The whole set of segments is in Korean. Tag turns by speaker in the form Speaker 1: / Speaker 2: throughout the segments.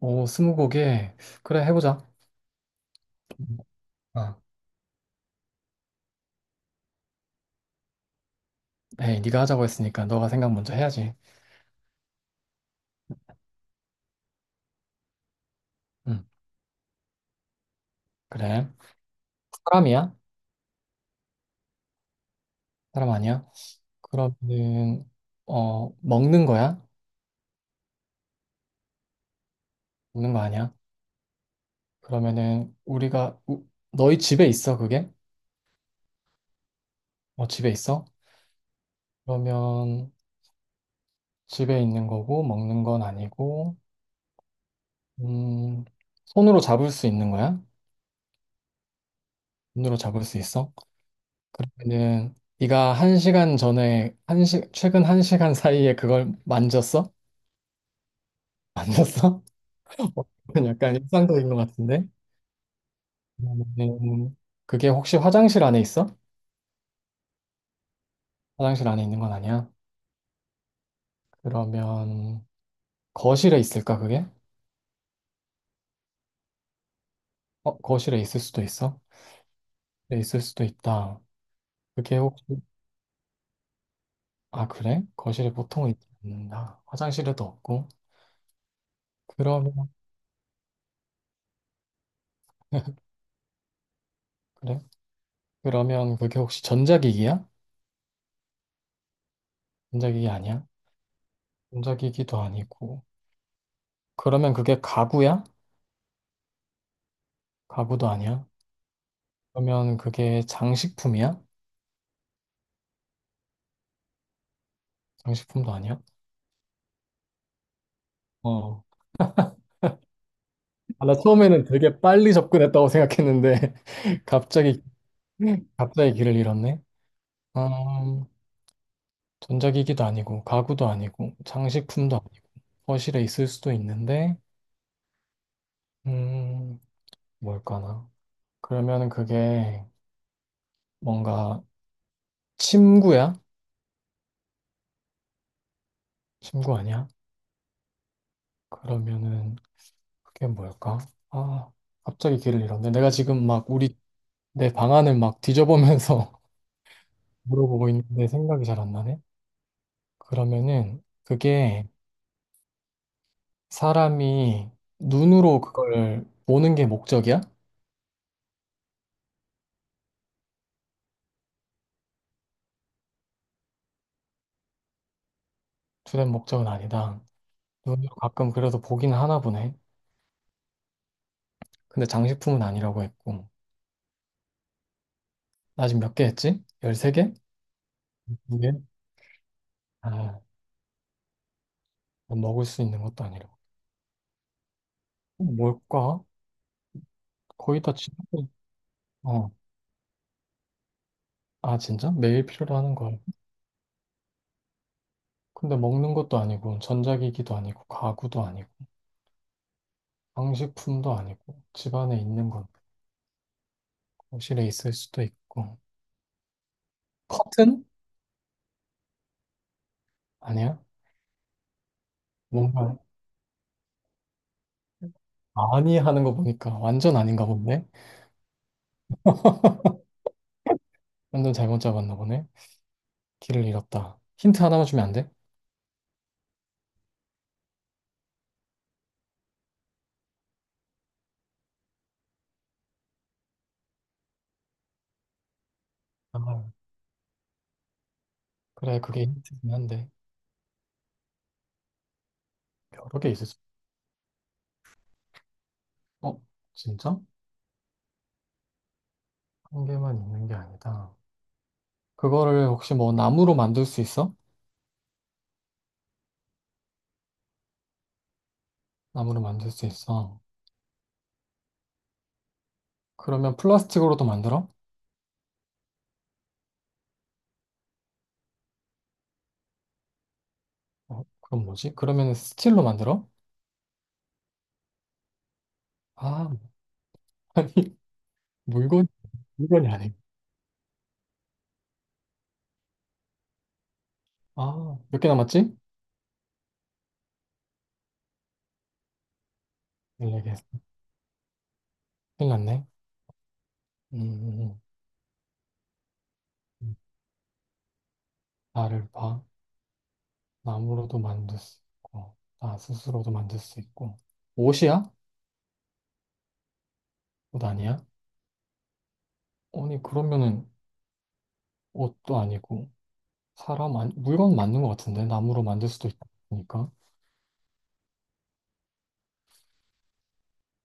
Speaker 1: 오, 스무고개. 그래, 해보자. 어. 에이, 네가 하자고 했으니까 너가 생각 먼저 해야지. 응, 그래. 사람이야? 사람 아니야? 그러면은, 어, 먹는 거야? 먹는 거 아니야? 그러면은, 우리가, 너희 집에 있어, 그게? 어, 집에 있어? 그러면, 집에 있는 거고, 먹는 건 아니고, 음, 손으로 잡을 수 있는 거야? 손으로 잡을 수 있어? 그러면은, 네가 한 시간 전에, 한 시, 최근 한 시간 사이에 그걸 만졌어? 안 났어? 그건 약간 일상적인 것 같은데? 그러면은 그게 혹시 화장실 안에 있어? 화장실 안에 있는 건 아니야. 그러면 거실에 있을까, 그게? 어, 거실에 있을 수도 있어? 네, 있을 수도 있다. 그게 혹시, 아, 그래? 거실에 보통은 있지 않는다. 화장실에도 없고. 그러면, 그래? 그러면 그게 혹시 전자기기야? 전자기기 아니야? 전자기기도 아니고. 그러면 그게 가구야? 가구도 아니야? 그러면 그게 장식품이야? 장식품도 아니야? 어. 아, 나 처음에는 되게 빨리 접근했다고 생각했는데 갑자기 갑자기 길을 잃었네. 음, 전자기기도 아니고 가구도 아니고 장식품도 아니고 거실에 있을 수도 있는데 음, 뭘까나? 그러면은 그게 뭔가 침구야? 침구 아니야? 그러면은 그게 뭘까? 아, 갑자기 길을 잃었네. 내가 지금 막 우리 내 방안을 막 뒤져보면서 물어보고 있는데 생각이 잘 안 나네. 그러면은 그게 사람이 눈으로 그걸 보는 게 목적이야? 주된 목적은 아니다. 눈으로 가끔 그래도 보긴 하나 보네. 근데 장식품은 아니라고 했고. 나 지금 몇 개 했지? 13개? 두 개? 아, 뭐 먹을 수 있는 것도 아니라. 뭘까? 거의 다 지나고. 어. 아, 진짜? 매일 필요로 하는 거야. 근데 먹는 것도 아니고, 전자기기도 아니고, 가구도 아니고, 장식품도 아니고, 집 안에 있는 건 거실에 있을 수도 있고. 커튼? 아니야? 뭔가 아니 하는 거 보니까 완전 아닌가 보네. 완전 잘못 잡았나 보네. 길을 잃었다. 힌트 하나만 주면 안 돼? 아, 그래, 그게 힌트긴 한데. 여러 개 있을 수. 어, 진짜? 한 개만 있는 게 아니다. 그거를 혹시 뭐 나무로 만들 수 있어? 나무로 만들 수 있어. 그러면 플라스틱으로도 만들어? 어, 그럼 뭐지? 그러면 스틸로 만들어? 아, 아니, 물건, 물건이 아니. 아, 몇 개 남았지? 일4개 큰일 났네. 음, 음, 음. 음, 나를 봐. 나무로도 만들 수 있고, 나 스스로도 만들 수 있고. 옷이야? 옷 아니야? 아니, 그러면은 옷도 아니고, 사람, 아니, 물건 맞는 것 같은데? 나무로 만들 수도 있으니까.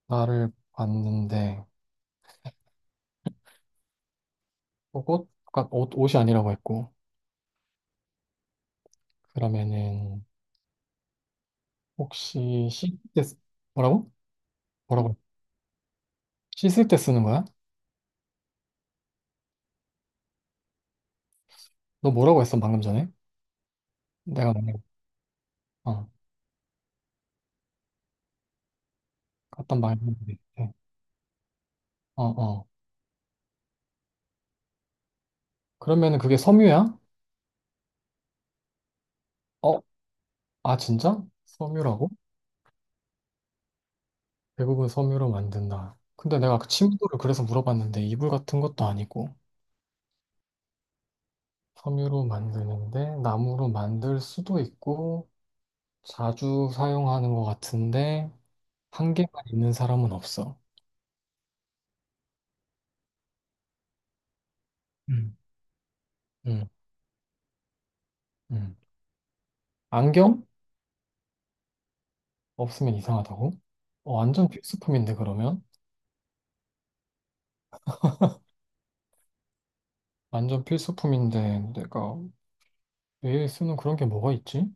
Speaker 1: 나를 봤는데, 옷? 아까 옷, 옷이 아니라고 했고, 그러면은, 혹시 씻을 때, 뭐라고? 뭐라고? 씻을 때 쓰는 거야? 너 뭐라고 했어, 방금 전에? 내가, 만약 어, 갔단 말인데. 어, 어. 그러면은 그게 섬유야? 어, 아, 진짜? 섬유라고? 대부분 섬유로 만든다. 근데 내가 그 침도를 그래서 물어봤는데 이불 같은 것도 아니고 섬유로 만드는데 나무로 만들 수도 있고 자주 사용하는 것 같은데 한 개만 있는 사람은 없어. 음. 음, 음. 안경? 없으면 이상하다고? 어, 완전 필수품인데 그러면? 완전 필수품인데 내가 매일 쓰는 그런 게 뭐가 있지?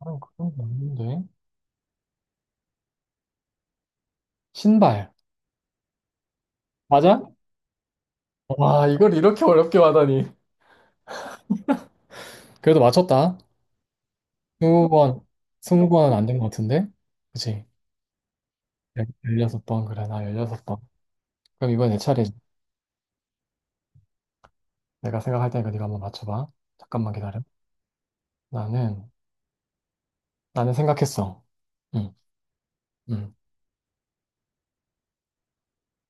Speaker 1: 아, 그런 게 없는데. 신발. 맞아? 와, 이걸 이렇게 어렵게 하다니. 그래도 맞췄다. 스무 번, 스무 번은 안 된 것 같은데? 그치? 16번, 그래, 나 16번. 그럼 이번내 차례지. 내가 생각할 테니까 네가 한번 맞춰봐. 잠깐만 기다려. 나는, 나는 생각했어. 응, 응.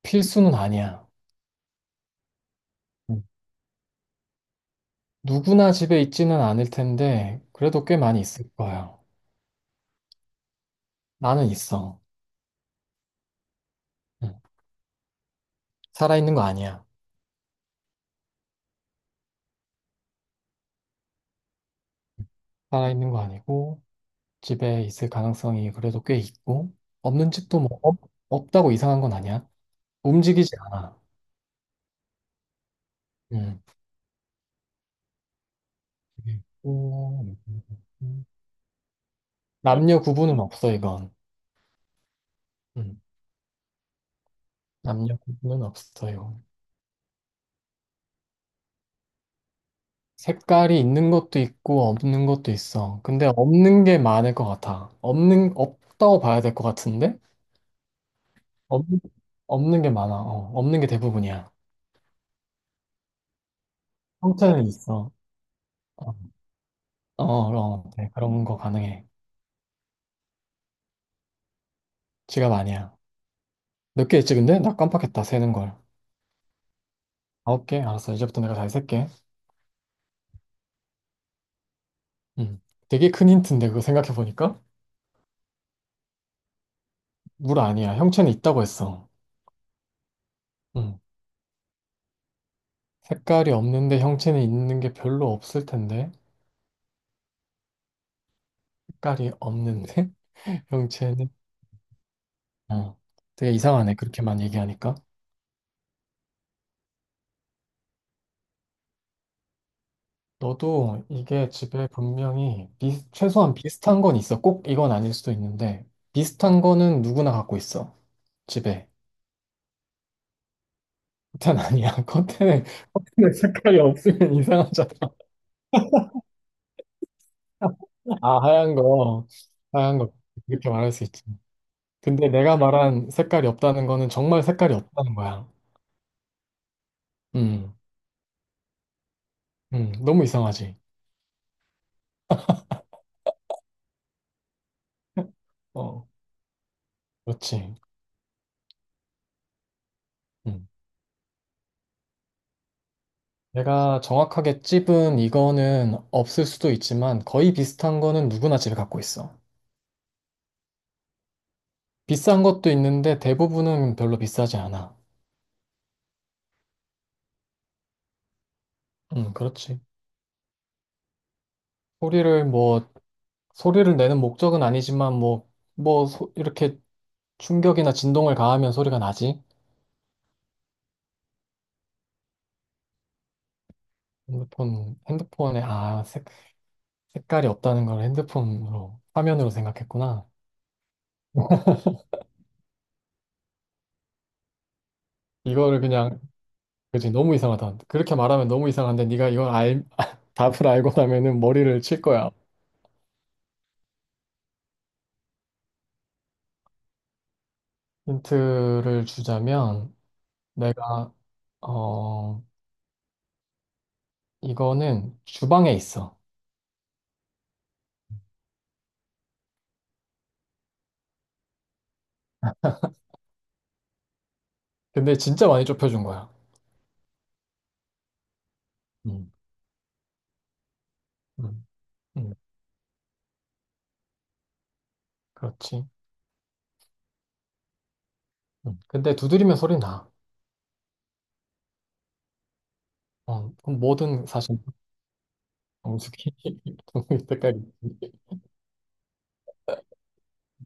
Speaker 1: 필수는 아니야. 응. 누구나 집에 있지는 않을 텐데, 그래도 꽤 많이 있을 거야. 나는 있어. 응. 살아있는 거 아니야. 응. 살아있는 거 아니고, 집에 있을 가능성이 그래도 꽤 있고, 없는 집도 뭐, 없, 없다고 이상한 건 아니야. 움직이지 않아. 응. 있고, 남녀 구분은 없어, 이건. 음, 남녀 구분은 없어요. 색깔이 있는 것도 있고, 없는 것도 있어. 근데 없는 게 많을 것 같아. 없는, 없다고 봐야 될 것 같은데? 없, 없는 게 많아. 어, 없는 게 대부분이야. 형태는 있어. 어, 어, 어, 네, 그런 거 가능해. 지갑 아니야. 몇 개 있지, 근데? 나 깜빡했다, 세는 걸. 아홉 개? 알았어. 이제부터 내가 잘 셀게. 음. 되게 큰 힌트인데, 그거 생각해보니까? 물 아니야. 형체는 있다고 했어. 음. 색깔이 없는데 형체는 있는 게 별로 없을 텐데. 색깔이 없는데 형체는 어. 되게 이상하네. 그렇게만 얘기하니까. 너도 이게 집에 분명히 최소한 비슷한 건 있어. 꼭 이건 아닐 수도 있는데 비슷한 거는 누구나 갖고 있어. 집에. 커튼 아니야. 커튼에 색깔이 없으면 이상하잖아. 아, 하얀 거. 하얀 거. 이렇게 말할 수 있지. 근데 내가 말한 색깔이 없다는 거는 정말 색깔이 없다는 거야. 음. 음. 너무 이상하지. 어, 그렇지. 음. 내가 정확하게 찝은 이거는 없을 수도 있지만 거의 비슷한 거는 누구나 집에 갖고 있어. 비싼 것도 있는데 대부분은 별로 비싸지 않아. 그렇지. 소리를 뭐, 소리를 내는 목적은 아니지만 뭐, 뭐, 이렇게 충격이나 진동을 가하면 소리가 나지. 핸드폰에, 아, 색깔이 없다는 걸 핸드폰으로, 화면으로 생각했구나. 이거를 그냥 그지 너무 이상하다. 그렇게 말하면 너무 이상한데 네가 이걸 알 답을 알고 나면은 머리를 칠 거야. 힌트를 주자면 내가 어 이거는 주방에 있어. 근데 진짜 많이 좁혀준 거야. 음, 음, 음, 그렇지. 음. 근데 두드리면 소리 나. 어, 그럼 뭐든 사실 정수기 정수기 때까지.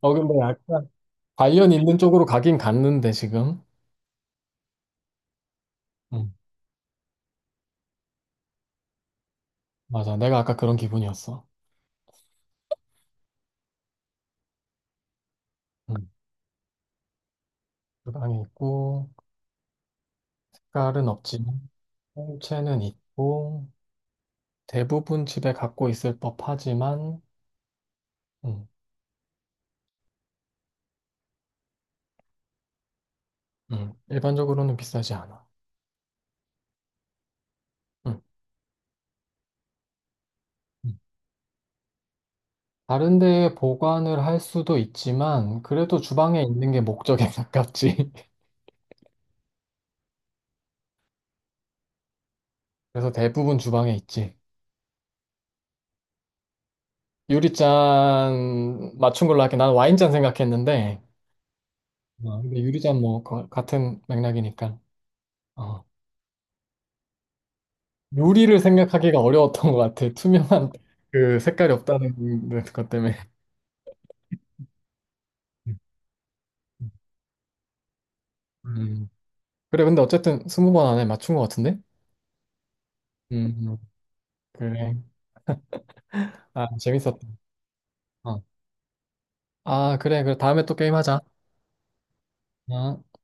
Speaker 1: 어 근데 약간 관련 있는 쪽으로 가긴 갔는데 지금. 음, 맞아. 내가 아까 그런 기분이었어. 음, 주방에 있고. 깔은 없지만 통째는 있고 대부분 집에 갖고 있을 법하지만 음, 일반적으로는 비싸지 않아. 음, 음. 다른 데에 보관을 할 수도 있지만 그래도 주방에 있는 게 목적에 가깝지. 그래서 대부분 주방에 있지. 유리잔 맞춘 걸로 할게. 난 와인잔 생각했는데 어, 근데 유리잔 뭐 같은 맥락이니까. 어. 요리를 생각하기가 어려웠던 것 같아. 투명한 그 색깔이 없다는 것 때문에. 음, 음. 음. 그래, 근데 어쨌든 스무 번 안에 맞춘 것 같은데? 음, 그래. 아, 재밌었다. 어. 아, 그래, 그래. 다음에 또 게임하자. 어.